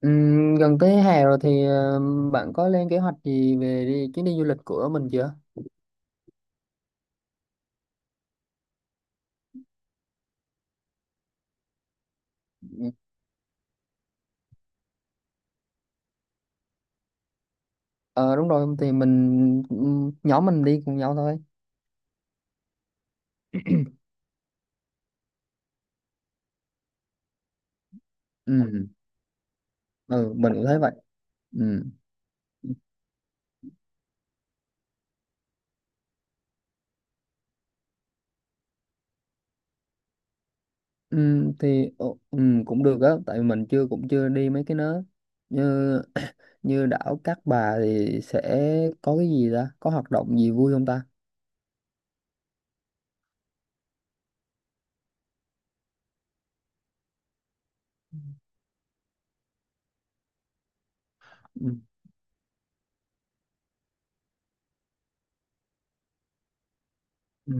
Gần tới hè rồi thì bạn có lên kế hoạch gì về đi, chuyến đi du lịch của mình chưa? Ờ đúng rồi thì mình nhóm mình đi cùng nhau thôi. Ừ, ừ mình cũng thấy vậy. Ừ. Ừ, thì cũng được á tại mình chưa cũng chưa đi mấy cái nó như như đảo Cát Bà thì sẽ có cái gì ta, có hoạt động gì vui không ta? Ừ.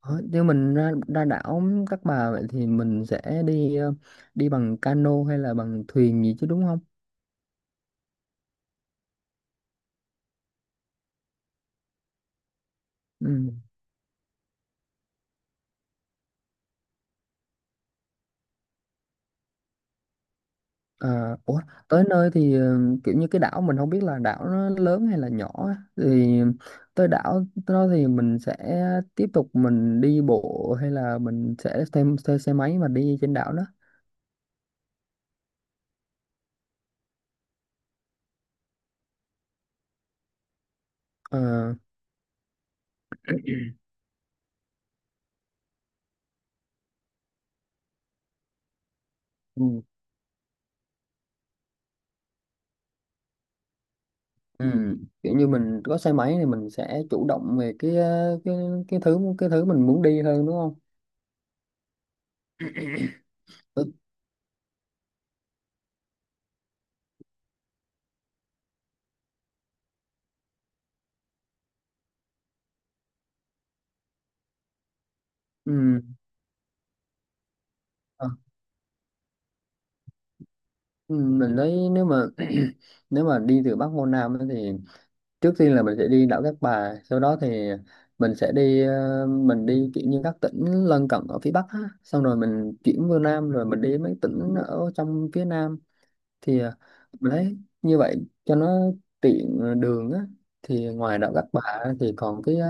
Ờ, nếu mình ra, ra đảo Cát Bà vậy thì mình sẽ đi đi bằng cano hay là bằng thuyền gì chứ đúng không? Ừ. Ờ, ủa, tới nơi thì kiểu như cái đảo mình không biết là đảo nó lớn hay là nhỏ á. Thì tới đảo đó thì mình sẽ tiếp tục mình đi bộ hay là mình sẽ thêm thuê xe máy mà đi trên đảo đó. Ờ, ừ. Ừ. Kiểu như mình có xe máy thì mình sẽ chủ động về cái cái thứ mình muốn đi hơn đúng không? Ừ. ờ, ừ, Mình thấy nếu mà nếu mà đi từ Bắc vô Nam ấy thì trước tiên là mình sẽ đi đảo Cát Bà, sau đó thì mình sẽ đi mình đi kiểu như các tỉnh lân cận ở phía Bắc á. Xong rồi mình chuyển vô Nam rồi mình đi mấy tỉnh ở trong phía Nam thì mình thấy như vậy cho nó tiện đường á. Thì ngoài đảo Cát Bà á, thì còn cái ờ,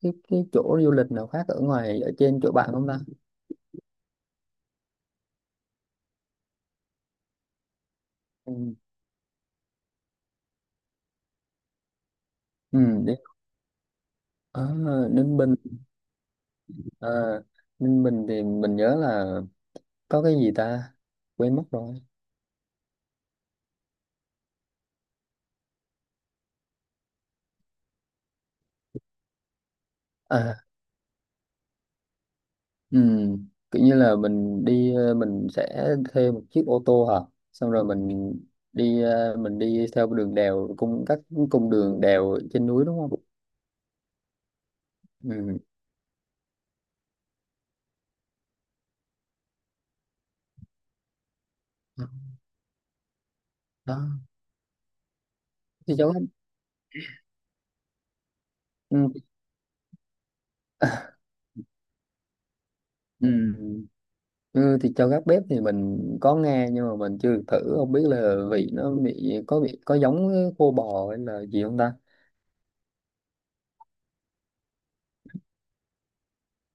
cái cái chỗ du lịch nào khác ở ngoài ở trên chỗ bạn không ta? Ừ, ừ, đi ở Ninh Bình. À, Ninh Bình thì mình nhớ là có cái gì ta, quên mất rồi. À kiểu như là mình đi mình sẽ thuê một chiếc ô tô hả, xong rồi mình đi mình đi theo đường đèo, các cung đường đèo trên núi đúng không? Ừ, đó thì cháu ừm, ừm, ừ, thì cho gác bếp thì mình có nghe nhưng mà mình chưa được thử, không biết là vị nó có có giống với khô bò hay là gì không ta.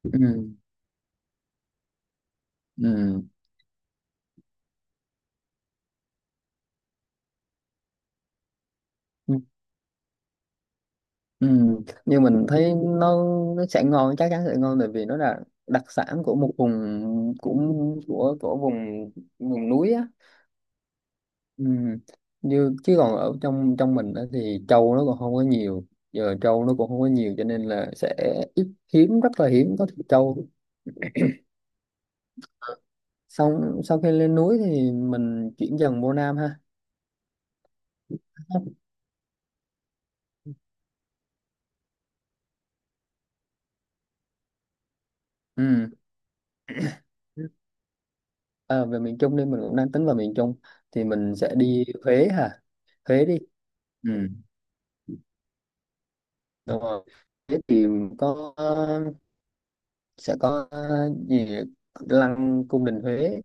Ừ, ừ. Ừ, nhưng mình thấy nó sẽ ngon, chắc chắn sẽ ngon tại vì nó là đặc sản của một vùng, cũng của vùng vùng núi á. Ừ. Như chứ còn ở trong trong mình á thì trâu nó còn không có nhiều, giờ trâu nó cũng không có nhiều cho nên là sẽ ít, hiếm, rất là hiếm có thịt trâu. Xong sau khi lên núi thì mình chuyển dần vô Nam ha. Ừ. À, về miền Trung đi, mình cũng đang tính vào miền Trung thì mình sẽ đi Huế hả, Huế đi. Ừ. Đúng rồi. Thế thì có sẽ có gì, lăng cung đình Huế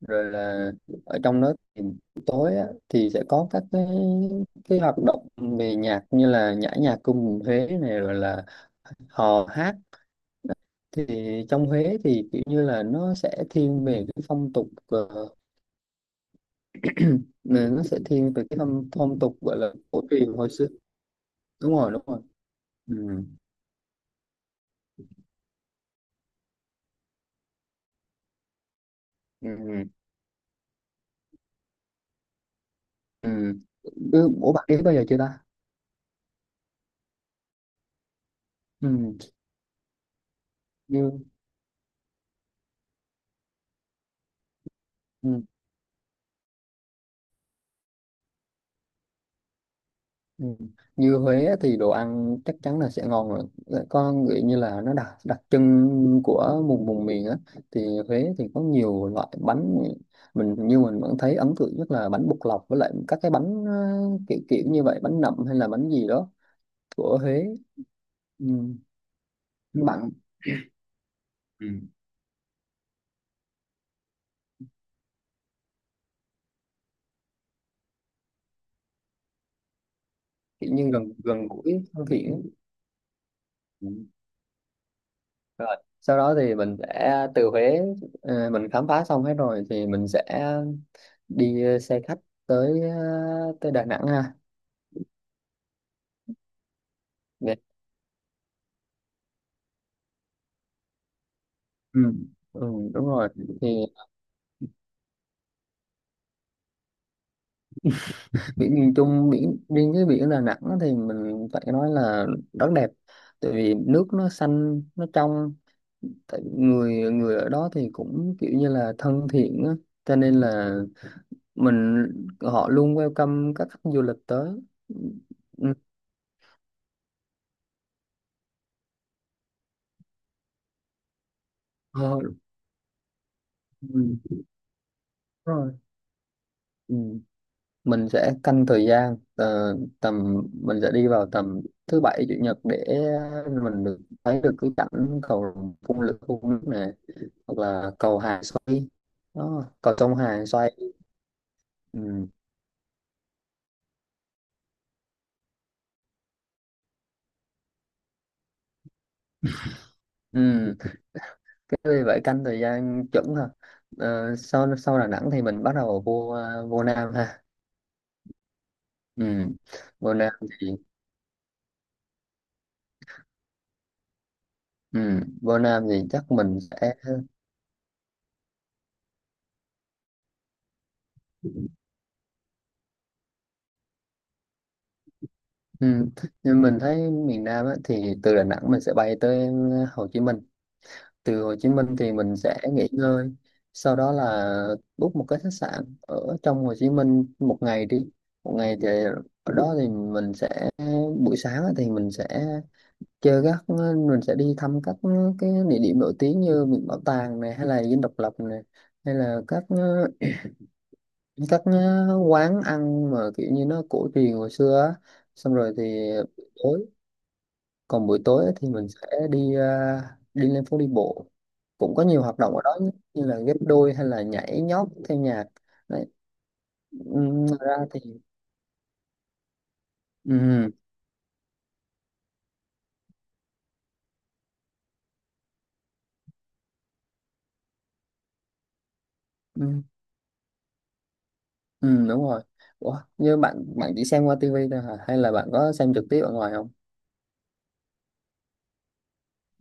rồi là ở trong đó thì tối á, thì sẽ có các cái hoạt động về nhạc như là nhã nhạc cung đình Huế này rồi là hò hát. Thì trong Huế thì kiểu như là nó sẽ thiên về cái phong tục nè, nó sẽ thiên về cái phong tục gọi là cổ truyền hồi xưa. Đúng rồi đúng rồi. Ừ. Ừ. Ừ. Ừ. Ủa bạn đi bao giờ chưa ta? Ừ. Ừ, ừ. Như Huế á thì đồ ăn chắc chắn là sẽ ngon rồi. Có nghĩ như là nó đặc đặc trưng của vùng vùng miền á thì Huế thì có nhiều loại bánh. Mình như mình vẫn thấy ấn tượng nhất là bánh bột lọc với lại các cái bánh kiểu kiểu như vậy, bánh nậm hay là bánh gì đó của Huế. Ừ. Bạn. Ừ. Kiểu như gần gần gũi thân thiện. Rồi sau đó thì mình sẽ từ Huế mình khám phá xong hết rồi thì mình sẽ đi xe khách tới tới Đà Nẵng ha. Về- Ừ. Ừ, đúng rồi thì biển miền Trung, biển riêng cái biển Đà Nẵng thì mình phải nói là rất đẹp tại vì nước nó xanh nó trong, tại người người ở đó thì cũng kiểu như là thân thiện á cho nên là mình, họ luôn welcome các khách du lịch tới. Ừ, ờ, ừ. Đúng rồi. Ừ, mình sẽ canh thời gian tầm mình sẽ đi vào tầm thứ Bảy Chủ Nhật để mình được thấy được cái cảnh cầu phun lửa phun nước này hoặc là cầu hàng xoay, đó, cầu sông hàng xoay. Ừ. Ừ. Cái vì vậy canh thời gian chuẩn ha. Ờ, sau sau Đà Nẵng thì mình bắt đầu vô vô Nam ha. Ừ. Vô Nam thì ừ. Vô Nam thì chắc mình sẽ ừ. Nhưng mình thấy miền Nam á, thì từ Đà Nẵng mình sẽ bay tới Hồ Chí Minh, từ Hồ Chí Minh thì mình sẽ nghỉ ngơi, sau đó là book một cái khách sạn ở trong Hồ Chí Minh một ngày đi. Một ngày thì ở đó thì mình sẽ buổi sáng á thì mình sẽ chơi các, mình sẽ đi thăm các cái địa điểm nổi tiếng như Viện Bảo tàng này hay là Dinh Độc Lập này hay là các quán ăn mà kiểu như nó cổ truyền hồi xưa á. Xong rồi thì tối, còn buổi tối ấy thì mình sẽ đi à, đi lên phố đi bộ, cũng có nhiều hoạt động ở đó như là ghép đôi hay là nhảy nhót theo nhạc. Đấy. Ngoài ra thì ừm, ừm, đúng rồi. Ủa, như bạn, bạn chỉ xem qua tivi thôi hả hay là bạn có xem trực tiếp ở ngoài không?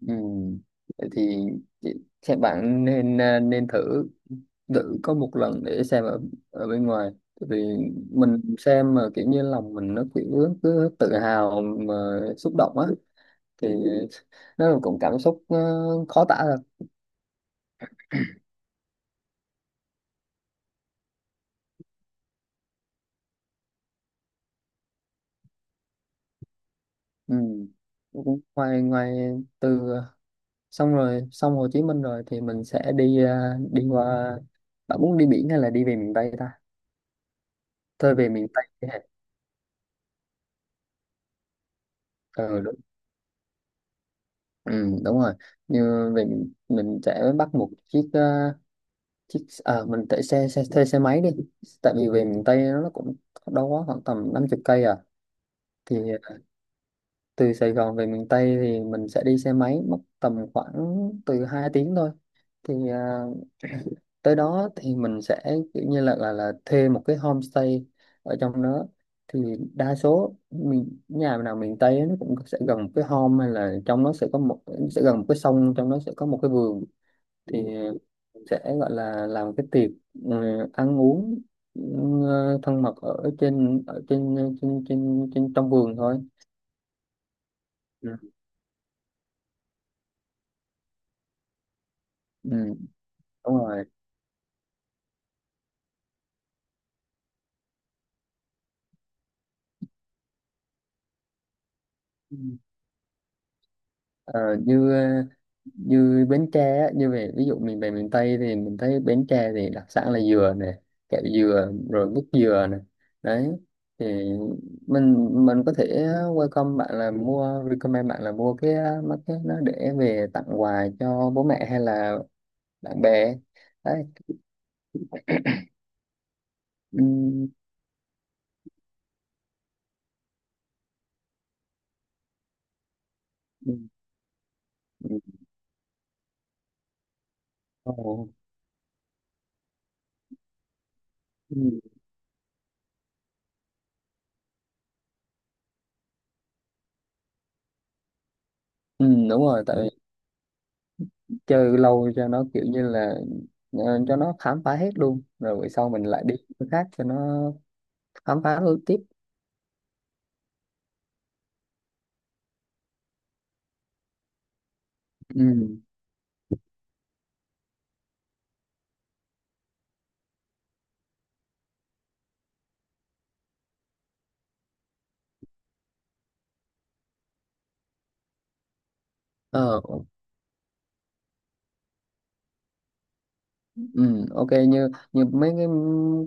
Ừm, vậy thì chị- xem bạn nên à, nên thử, thử có một lần để xem ở ở bên ngoài. Tại vì mình xem mà kiểu như lòng mình nó kiểu cứ tự hào mà xúc động á, thì nó là cũng cảm xúc khó tả được. Ừ. Cũng ngoài ngoài từ xong rồi, xong Hồ Chí Minh rồi thì mình sẽ đi đi qua, bạn muốn đi biển hay là đi về miền Tây ta? Thôi về miền Tây đi hả? Ừ đúng, ừ, đúng rồi. Như về mình sẽ bắt một chiếc chiếc à, mình thuê xe máy đi tại vì về miền Tây nó cũng đâu quá khoảng tầm 50 cây à. Thì à, từ Sài Gòn về miền Tây thì mình sẽ đi xe máy mất tầm khoảng từ 2 tiếng thôi thì à, tới đó thì mình sẽ kiểu như là là thuê một cái homestay ở trong đó thì đa số mình, nhà nào miền Tây á, nó cũng sẽ gần một cái home hay là trong nó sẽ có một, sẽ gần một cái sông, trong nó sẽ có một cái vườn thì sẽ gọi là làm cái tiệc ừ, ăn uống ừ, thân mật ở trên trên trong vườn thôi. Ừ. Ừ, đúng rồi. Ờ, như như Bến Tre á, như về ví dụ mình về miền Tây thì mình thấy Bến Tre thì đặc sản là dừa nè, kẹo dừa rồi mứt dừa nè, đấy thì mình có thể welcome bạn là mua, recommend bạn là mua cái mấy cái nó để về tặng quà cho bố mẹ hay là bạn bè, đấy. Ừ, ừ, ừ, ồ, ừ, ừ, đúng rồi tại vì chơi lâu cho nó kiểu như là cho nó khám phá hết luôn rồi buổi sau mình lại đi chỗ khác cho nó khám phá thôi tiếp. Ừ. Ờ. Ừ, ok như như mấy cái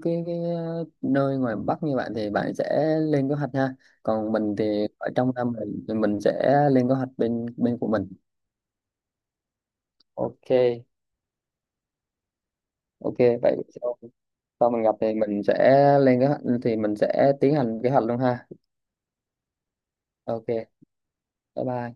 nơi ngoài Bắc như bạn thì bạn sẽ lên kế hoạch ha, còn mình thì ở trong năm mình thì mình sẽ lên kế hoạch bên bên của mình. Ok ok. Vậy sau, sau mình gặp thì mình sẽ lên kế hoạch thì mình sẽ tiến hành kế hoạch luôn ha. Ok bye bye.